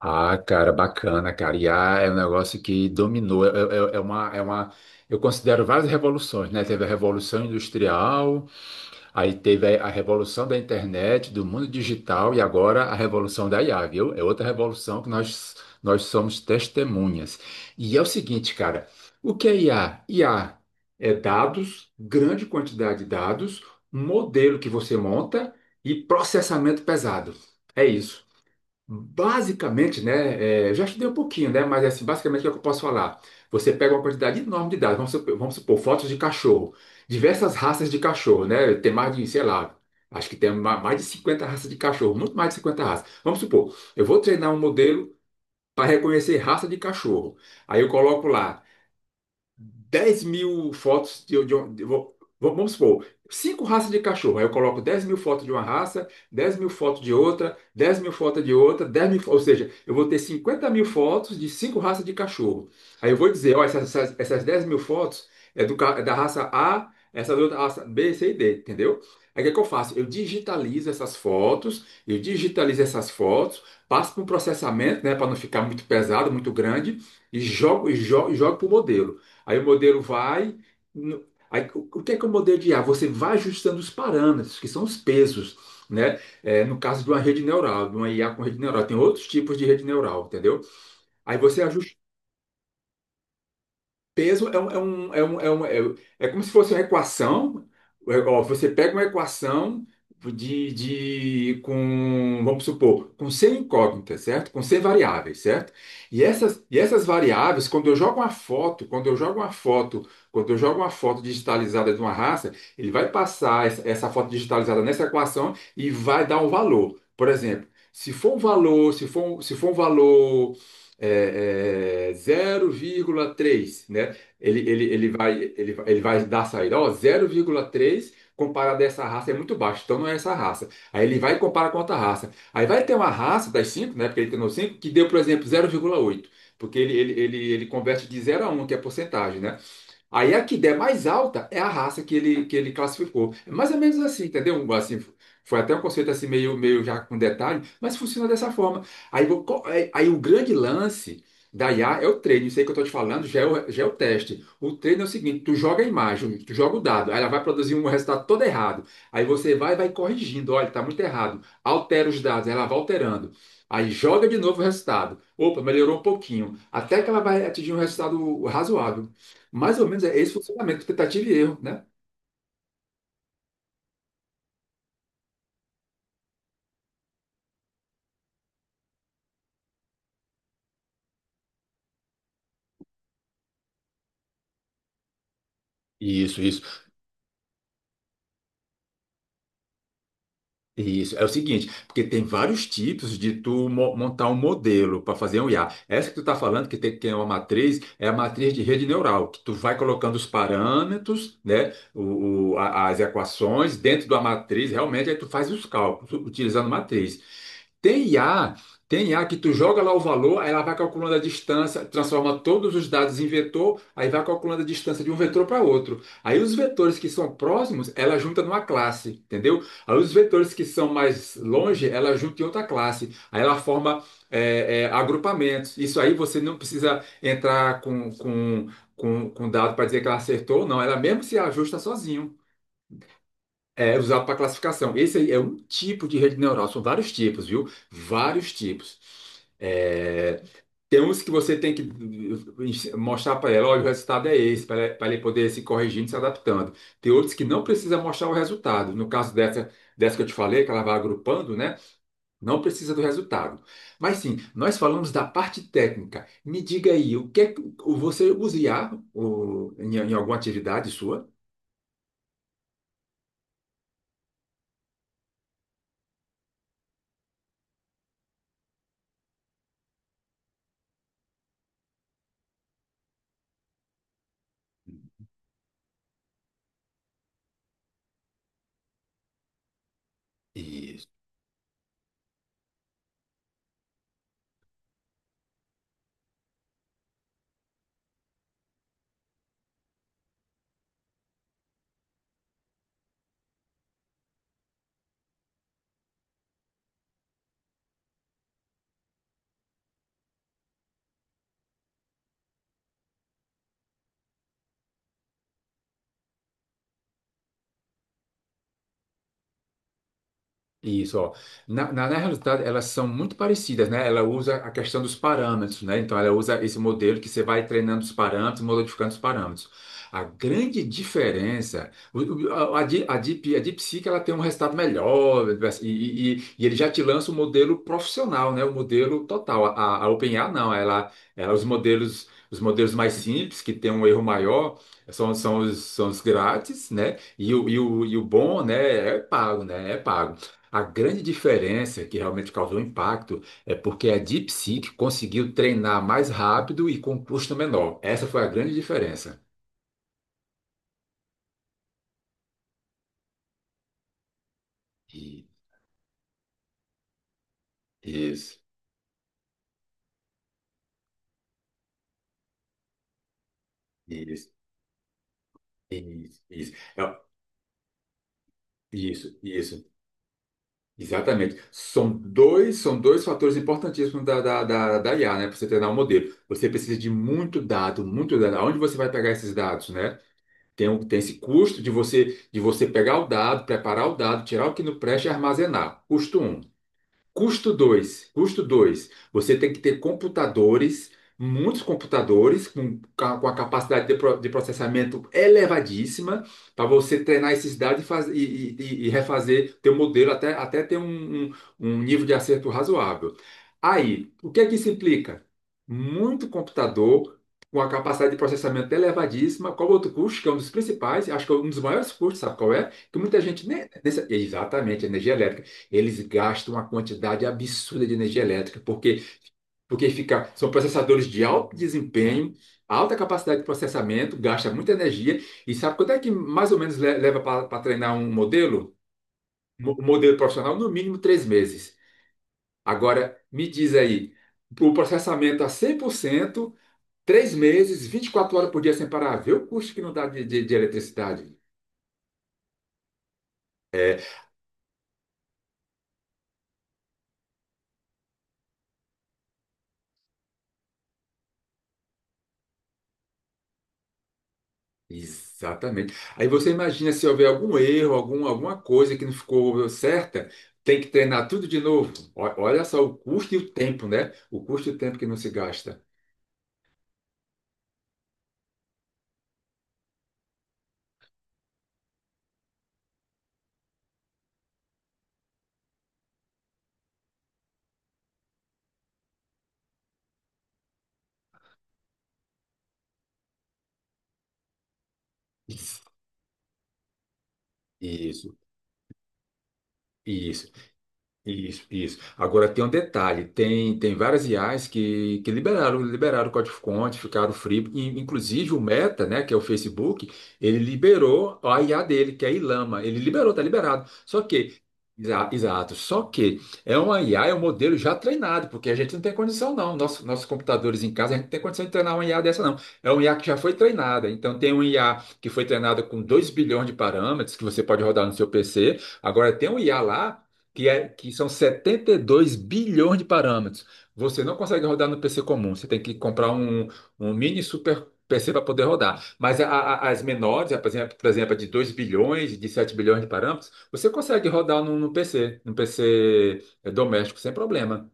Ah, cara, bacana, cara. IA é um negócio que dominou. Eu considero várias revoluções, né? Teve a Revolução Industrial, aí teve a Revolução da Internet, do mundo digital e agora a Revolução da IA, viu? É outra revolução que nós somos testemunhas. E é o seguinte, cara, o que é IA? IA é dados, grande quantidade de dados, um modelo que você monta e processamento pesado. É isso. Basicamente, né, eu já estudei um pouquinho, né, mas assim, basicamente o que é que eu posso falar? Você pega uma quantidade enorme de dados, vamos supor, fotos de cachorro, diversas raças de cachorro, né, tem mais de, sei lá, acho que tem mais de 50 raças de cachorro, muito mais de 50 raças. Vamos supor, eu vou treinar um modelo para reconhecer raça de cachorro. Aí eu coloco lá 10 mil fotos vamos supor, cinco raças de cachorro. Aí eu coloco 10 mil fotos de uma raça, 10 mil fotos de outra, 10 mil fotos de outra, ou seja, eu vou ter 50 mil fotos de cinco raças de cachorro. Aí eu vou dizer, ó, essas 10 mil fotos é da raça A, essa da outra raça B, C e D, entendeu? Aí o que é que eu faço? Eu digitalizo essas fotos, passo para um processamento, né, para não ficar muito pesado, muito grande, e jogo para o modelo. Aí o modelo vai. Aí, o que é o modelo de IA? Você vai ajustando os parâmetros, que são os pesos, né? No caso de uma rede neural, de uma IA com rede neural, tem outros tipos de rede neural, entendeu? Aí você ajusta. Peso é um, é como se fosse uma equação. É, ó, você pega uma equação de com, vamos supor, com 100 incógnitas, certo? Com 100 variáveis, certo? E essas variáveis, quando eu jogo uma foto digitalizada de uma raça, ele vai passar essa foto digitalizada nessa equação e vai dar um valor. Por exemplo, se for um valor 0,3, né? Ele vai dar a saída, ó, 0,3 comparado a essa raça é muito baixo, então não é essa raça. Aí ele vai e compara com outra raça. Aí vai ter uma raça das cinco, né, porque ele treinou 5 que deu, por exemplo, 0,8, porque ele converte de zero a um, que é a porcentagem, né? Aí a que der mais alta é a raça que ele classificou. É mais ou menos assim, entendeu? Assim, foi até um conceito assim meio, meio já com detalhe, mas funciona dessa forma. Aí, o grande lance da IA é o treino. Isso aí que eu estou te falando já é o teste. O treino é o seguinte, tu joga a imagem, tu joga o dado, aí ela vai produzir um resultado todo errado. Aí você vai corrigindo, olha, está muito errado. Altera os dados, ela vai alterando. Aí joga de novo o resultado. Opa, melhorou um pouquinho. Até que ela vai atingir um resultado razoável. Mais ou menos é esse funcionamento, tentativa e erro, né? Isso, isso, isso. É o seguinte, porque tem vários tipos de tu montar um modelo para fazer um IA. Essa que tu está falando, que tem que é uma matriz, é a matriz de rede neural, que tu vai colocando os parâmetros, né, as equações dentro da matriz, realmente, aí tu faz os cálculos utilizando matriz. Tem I a tem I a que tu joga lá o valor, aí ela vai calculando a distância, transforma todos os dados em vetor, aí vai calculando a distância de um vetor para outro. Aí os vetores que são próximos, ela junta numa classe, entendeu? Aí os vetores que são mais longe, ela junta em outra classe. Aí ela forma agrupamentos. Isso aí você não precisa entrar com dado para dizer que ela acertou, não. Ela mesmo se ajusta sozinho. É usado para classificação. Esse aí é um tipo de rede neural, são vários tipos, viu? Vários tipos. É, Tem uns que você tem que mostrar para ela, olha, o resultado é esse, pra ela poder se corrigindo, e se adaptando. Tem outros que não precisa mostrar o resultado. No caso dessa que eu te falei, que ela vai agrupando, né? Não precisa do resultado. Mas sim, nós falamos da parte técnica. Me diga aí, o que é que você usa IA em alguma atividade sua? Isso, ó. Na realidade, elas são muito parecidas, né? Ela usa a questão dos parâmetros, né? Então, ela usa esse modelo que você vai treinando os parâmetros, modificando os parâmetros. A grande diferença, a DeepSeek, ela tem um resultado melhor e ele já te lança o modelo profissional, né? O modelo total. A OpenAI, não. Ela, os modelos mais simples, que tem um erro maior, são os grátis, né? E o bom, né? É pago, né? É pago. A grande diferença que realmente causou impacto é porque a DeepSeek conseguiu treinar mais rápido e com custo menor. Essa foi a grande diferença. E- Isso, isso, isso, isso, É, isso, isso, exatamente. São dois fatores importantíssimos da IA, né? Para você treinar um modelo. Você precisa de muito dado, muito dado. Aonde você vai pegar esses dados, né? Tem esse custo de você pegar o dado, preparar o dado, tirar o que não presta e armazenar. Custo um. Custo dois. Você tem que ter computadores, muitos computadores, com a capacidade de processamento elevadíssima, para você treinar esses dados e refazer teu modelo até ter um nível de acerto razoável. Aí, o que é que isso implica? Muito computador com a capacidade de processamento elevadíssima. Qual outro custo, que é um dos principais, acho que é um dos maiores custos, sabe qual é? Que muita gente nem. Exatamente, energia elétrica, eles gastam uma quantidade absurda de energia elétrica, porque fica, são processadores de alto desempenho, alta capacidade de processamento, gasta muita energia, e sabe quanto é que mais ou menos leva para treinar um modelo? Um modelo profissional, no mínimo 3 meses. Agora, me diz aí, o processamento a 100%, 3 meses, 24 horas por dia sem parar, vê o custo que não dá de eletricidade. Exatamente. Aí você imagina se houver algum erro, algum, alguma coisa que não ficou certa, tem que treinar tudo de novo. Olha só o custo e o tempo, né? O custo e o tempo que não se gasta. Isso, isso. Isso, isso. Agora tem um detalhe, tem várias IAs que liberaram o código-fonte, ficaram free, e, inclusive o Meta, né, que é o Facebook, ele liberou a IA dele, que é a Llama, ele liberou, tá liberado. Só que, exato, só que é uma IA, é um modelo já treinado, porque a gente não tem condição não. Nossos computadores em casa, a gente não tem condição de treinar uma IA dessa não. É uma IA que já foi treinada, então tem uma IA que foi treinada com 2 bilhões de parâmetros, que você pode rodar no seu PC. Agora tem um IA lá que são 72 bilhões de parâmetros. Você não consegue rodar no PC comum, você tem que comprar um mini super PC para poder rodar. Mas as menores, por exemplo, a de 2 bilhões, de 7 bilhões de parâmetros, você consegue rodar no PC doméstico, sem problema.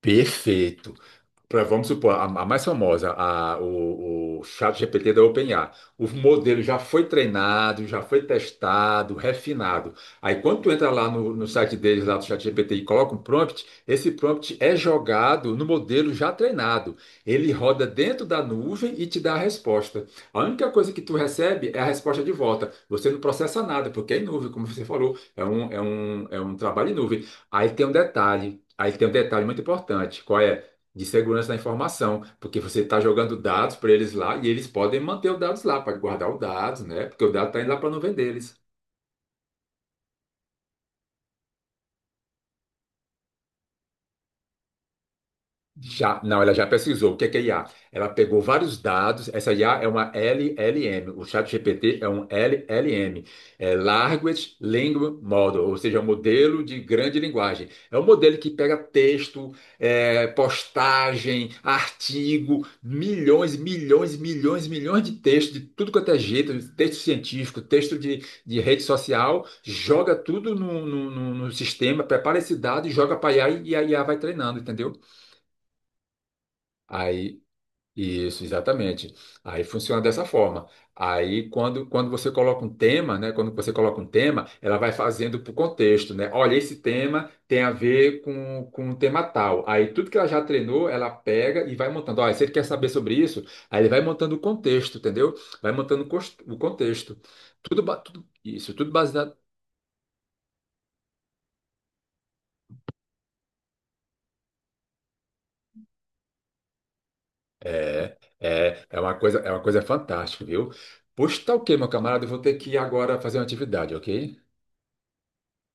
Perfeito. Vamos supor, a mais famosa, a, o GPT da OpenAI. O modelo já foi treinado, já foi testado, refinado. Aí quando tu entra lá no site deles, lá do ChatGPT, e coloca um prompt, esse prompt é jogado no modelo já treinado. Ele roda dentro da nuvem e te dá a resposta. A única coisa que tu recebe é a resposta de volta. Você não processa nada, porque é em nuvem, como você falou. É um trabalho em nuvem. Aí tem um detalhe. Aí tem um detalhe muito importante. Qual é? De segurança da informação, porque você está jogando dados para eles lá e eles podem manter os dados lá, para guardar os dados, né? Porque o dado está indo lá para não nuvem deles. Já, não, ela já pesquisou. O que é IA? Ela pegou vários dados. Essa IA é uma LLM. O ChatGPT é um LLM. É Large Language Model, ou seja, é um modelo de grande linguagem. É um modelo que pega texto, postagem, artigo, milhões, milhões, milhões, milhões de textos, de tudo quanto é jeito, texto científico, texto de rede social, joga tudo no sistema, prepara esse dado e joga para IA e a IA vai treinando, entendeu? Aí isso, exatamente. Aí funciona dessa forma. Aí, quando você coloca um tema, né? Quando você coloca um tema, ela vai fazendo para o contexto, né? Olha, esse tema tem a ver com um tema tal. Aí, tudo que ela já treinou, ela pega e vai montando. Olha, se ele quer saber sobre isso, aí ele vai montando o contexto, entendeu? Vai montando o contexto. Tudo isso, tudo baseado. É uma coisa fantástica, viu? Pois tá ok, meu camarada, eu vou ter que ir agora fazer uma atividade, ok?